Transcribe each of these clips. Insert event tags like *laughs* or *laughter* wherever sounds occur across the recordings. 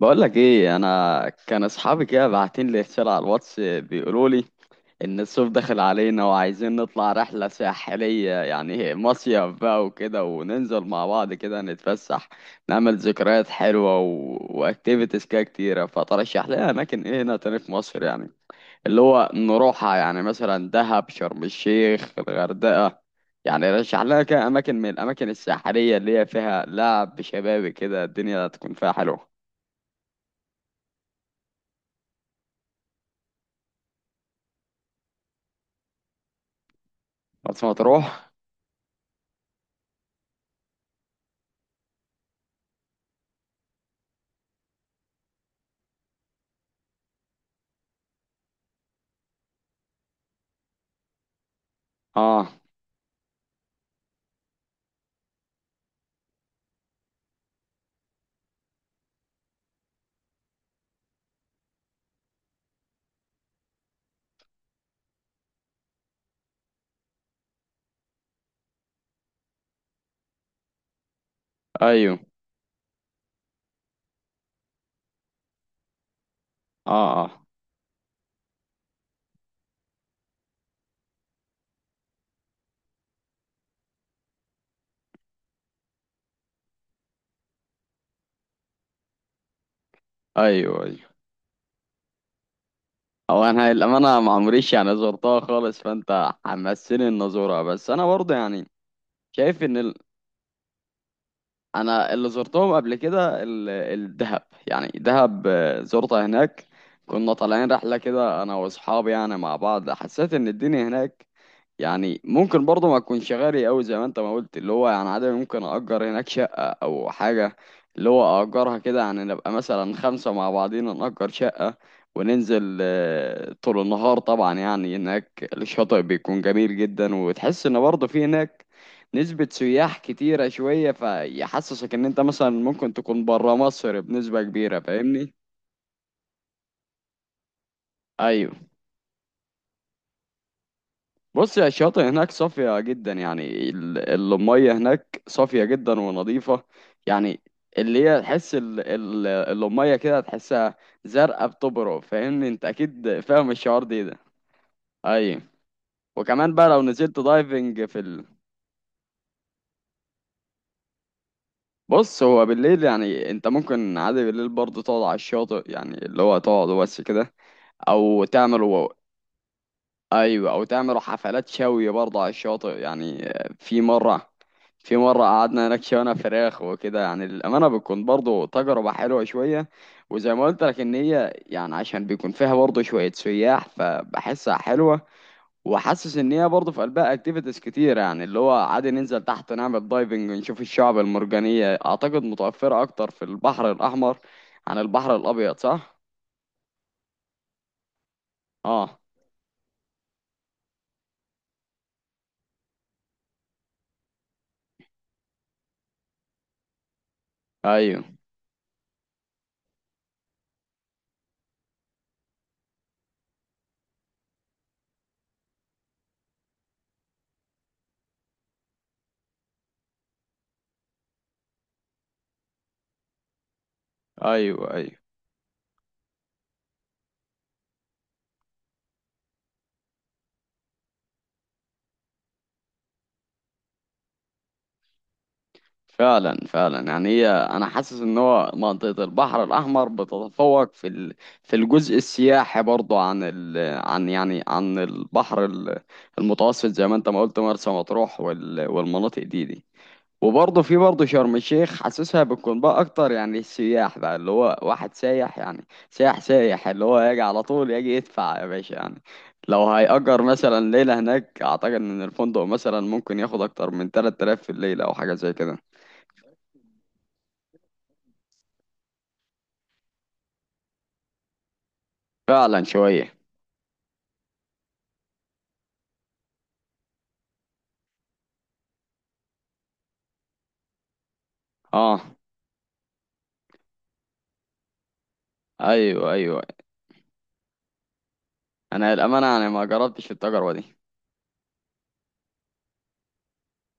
بقولك ايه، انا كان اصحابي كده باعتين لي رساله على الواتس بيقولوا لي ان الصيف داخل علينا وعايزين نطلع رحله ساحليه، يعني مصيف بقى وكده، وننزل مع بعض كده نتفسح، نعمل ذكريات حلوه و... واكتيفيتيز كده كتيره. فترشح لنا اماكن ايه هنا تاني في مصر، يعني اللي هو نروحها، يعني مثلا دهب، شرم الشيخ، الغردقه. يعني رشح لنا كده اماكن من الاماكن الساحليه اللي هي فيها لعب شبابي كده الدنيا تكون فيها حلوه. مرسى مطروح. اه. ايوه. اه اه. ايوه ايوه. هو انا الامانه ما عمريش يعني زرتها خالص، فانت حمسني ان ازورها، بس انا برضه يعني شايف ان انا اللي زرتهم قبل كده الدهب، يعني دهب، زرتها هناك. كنا طالعين رحله كده انا واصحابي يعني مع بعض، حسيت ان الدنيا هناك يعني ممكن برضه ما تكونش غالي قوي زي ما انت ما قلت، اللي هو يعني عادي ممكن اجر هناك شقه او حاجه، اللي هو اجرها كده يعني نبقى مثلا خمسه مع بعضينا نأجر شقه وننزل طول النهار. طبعا يعني هناك الشاطئ بيكون جميل جدا، وتحس ان برضه في هناك نسبة سياح كتيرة شوية، فيحسسك ان انت مثلا ممكن تكون برا مصر بنسبة كبيرة. فاهمني؟ ايوه. بص يا، الشاطئ هناك صافية جدا، يعني المية هناك صافية جدا ونظيفة، يعني اللي هي تحس المية كده تحسها زرقاء بتبرق. فاهمني؟ انت اكيد فاهم الشعور ده. ايوه. وكمان بقى لو نزلت دايفنج بص هو بالليل يعني انت ممكن عادي بالليل برضه تقعد على الشاطئ، يعني اللي هو تقعد بس كده او تعملوا. ايوه، او تعملوا حفلات شوي برضه على الشاطئ يعني. في مره في مره قعدنا هناك شوينا فراخ وكده، يعني الامانه بتكون برضه تجربه حلوه شويه. وزي ما قلت لك ان هي يعني عشان بيكون فيها برضه شويه سياح، فبحسها حلوه. وحاسس ان هي برضه في قلبها اكتيفيتيز كتير، يعني اللي هو عادي ننزل تحت نعمل دايفنج ونشوف الشعب المرجانيه، اعتقد متوفره اكتر في البحر الاحمر عن البحر الابيض، صح. اه. ايوه ايوه ايوه. فعلا فعلا، يعني هي انا حاسس ان هو منطقة البحر الاحمر بتتفوق في الجزء السياحي برضو، عن يعني عن البحر المتوسط، زي ما انت ما قلت مرسى مطروح وال... والمناطق دي دي. وبرضه في برضه شرم الشيخ حاسسها بتكون بقى اكتر، يعني السياح بقى اللي هو واحد سايح يعني سايح سايح اللي هو يجي على طول يجي، يدفع يا باشا يعني. لو هيأجر مثلا ليلة هناك، اعتقد ان الفندق مثلا ممكن ياخد اكتر من 3000 في الليلة او حاجة زي كده. فعلا شوية. اه. ايوه ايوه. انا للامانه يعني ما جربتش التجربه دي.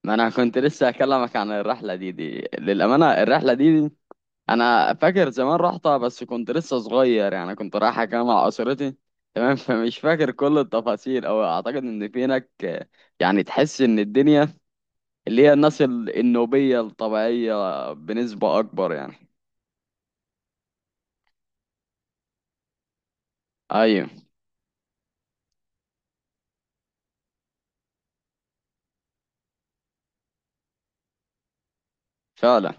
ما انا كنت لسه هكلمك عن الرحله دي، دي للامانه الرحله دي, دي انا فاكر زمان رحتها، بس كنت لسه صغير، يعني كنت رايحه كده مع اسرتي. تمام *laughs* فمش فاكر كل التفاصيل، او اعتقد ان في هناك، يعني تحس ان الدنيا اللي هي الناس النوبيه الطبيعيه بنسبه اكبر يعني. ايوه. فعلا.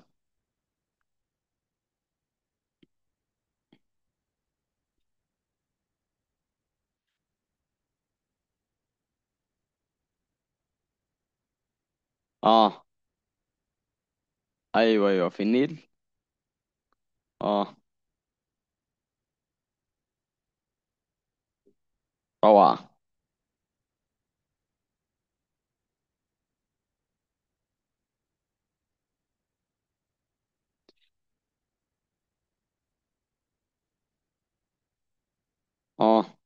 اه. ايوه ايوه في النيل. اه. روعه. اه.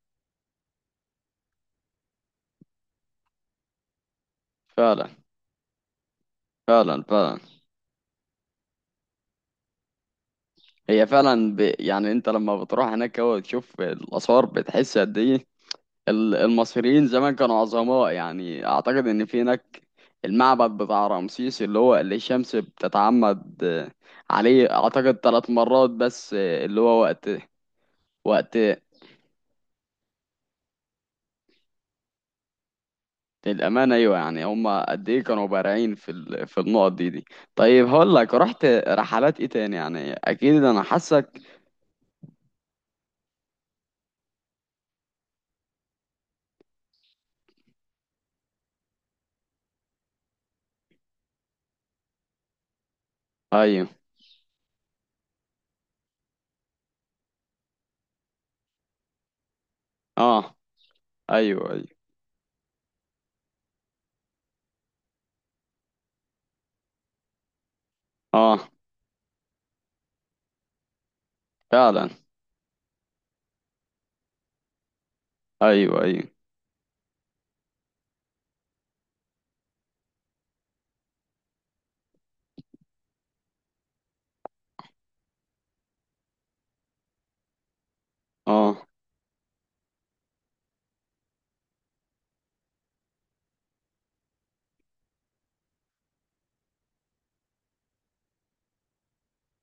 فعلا فعلا فعلا. هي فعلا يعني انت لما بتروح هناك هو تشوف الاثار، بتحس قد ايه المصريين زمان كانوا عظماء يعني. اعتقد ان في هناك المعبد بتاع رمسيس اللي هو اللي الشمس بتتعمد عليه اعتقد 3 مرات بس، اللي هو وقت. وقت الامانه ايوه، يعني هم قد ايه كانوا بارعين في النقط دي دي. طيب هقول لك رحت رحلات ايه تاني، يعني اكيد انا حاسك. ايوه. اه. ايوه ايوه. اه. فعلا. ايوه ايوه. اه.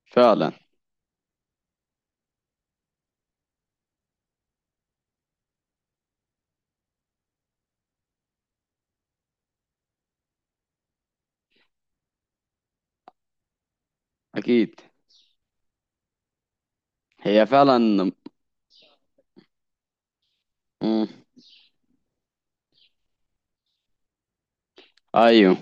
فعلا. اكيد. هي فعلا. مم. ايوه.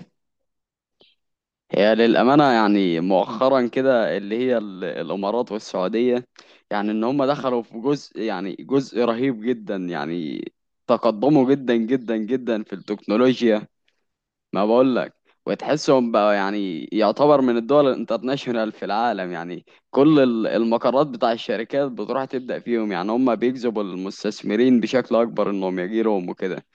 هي للامانه يعني مؤخرا كده اللي هي الامارات والسعوديه، يعني ان هم دخلوا في جزء، يعني جزء رهيب جدا، يعني تقدموا جدا جدا جدا في التكنولوجيا. ما بقول لك. وتحسهم بقى يعني يعتبر من الدول الانترناشونال في العالم، يعني كل المقرات بتاع الشركات بتروح تبدأ فيهم، يعني هم بيجذبوا المستثمرين بشكل اكبر انهم يجي لهم وكده.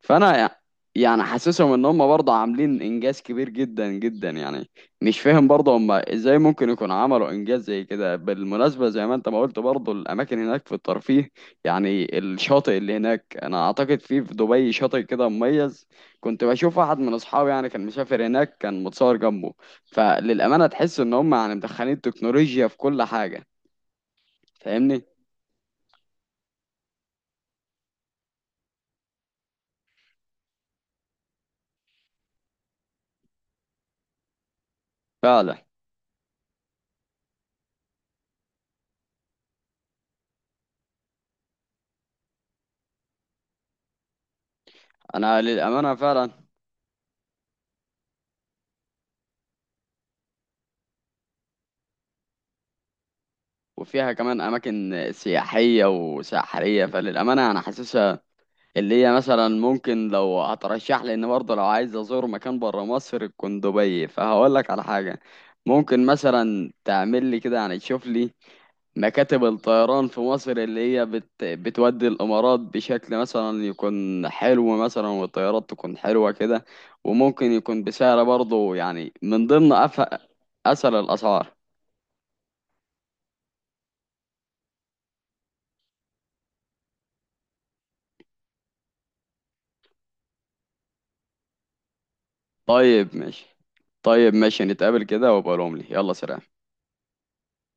فانا يعني حاسسهم ان هم برضه عاملين انجاز كبير جدا جدا يعني. مش فاهم برضه هم ازاي ممكن يكون عملوا انجاز زي كده، بالمناسبه زي ما انت ما قلت برضه الاماكن هناك في الترفيه، يعني الشاطئ اللي هناك، انا اعتقد في في دبي شاطئ كده مميز. كنت بشوف واحد من اصحابي يعني كان مسافر هناك كان متصور جنبه، فللامانه تحس ان هم يعني مدخلين تكنولوجيا في كل حاجه. فاهمني. فعلا. انا للامانه فعلا. وفيها كمان أماكن سياحية وساحرية، فللأمانة أنا حاسسها اللي هي مثلا ممكن، لو هترشح لي إن برضه لو عايز أزور مكان برا مصر تكون دبي، فهقول لك على حاجة ممكن مثلا تعمل لي كده، يعني تشوف لي مكاتب الطيران في مصر اللي هي بتودي الإمارات بشكل مثلا يكون حلو، مثلا والطيارات تكون حلوة كده، وممكن يكون بسعر برضه، يعني من ضمن أسهل الأسعار. طيب ماشي. طيب ماشي، نتقابل كده وابقى لهم لي، يلا سلام.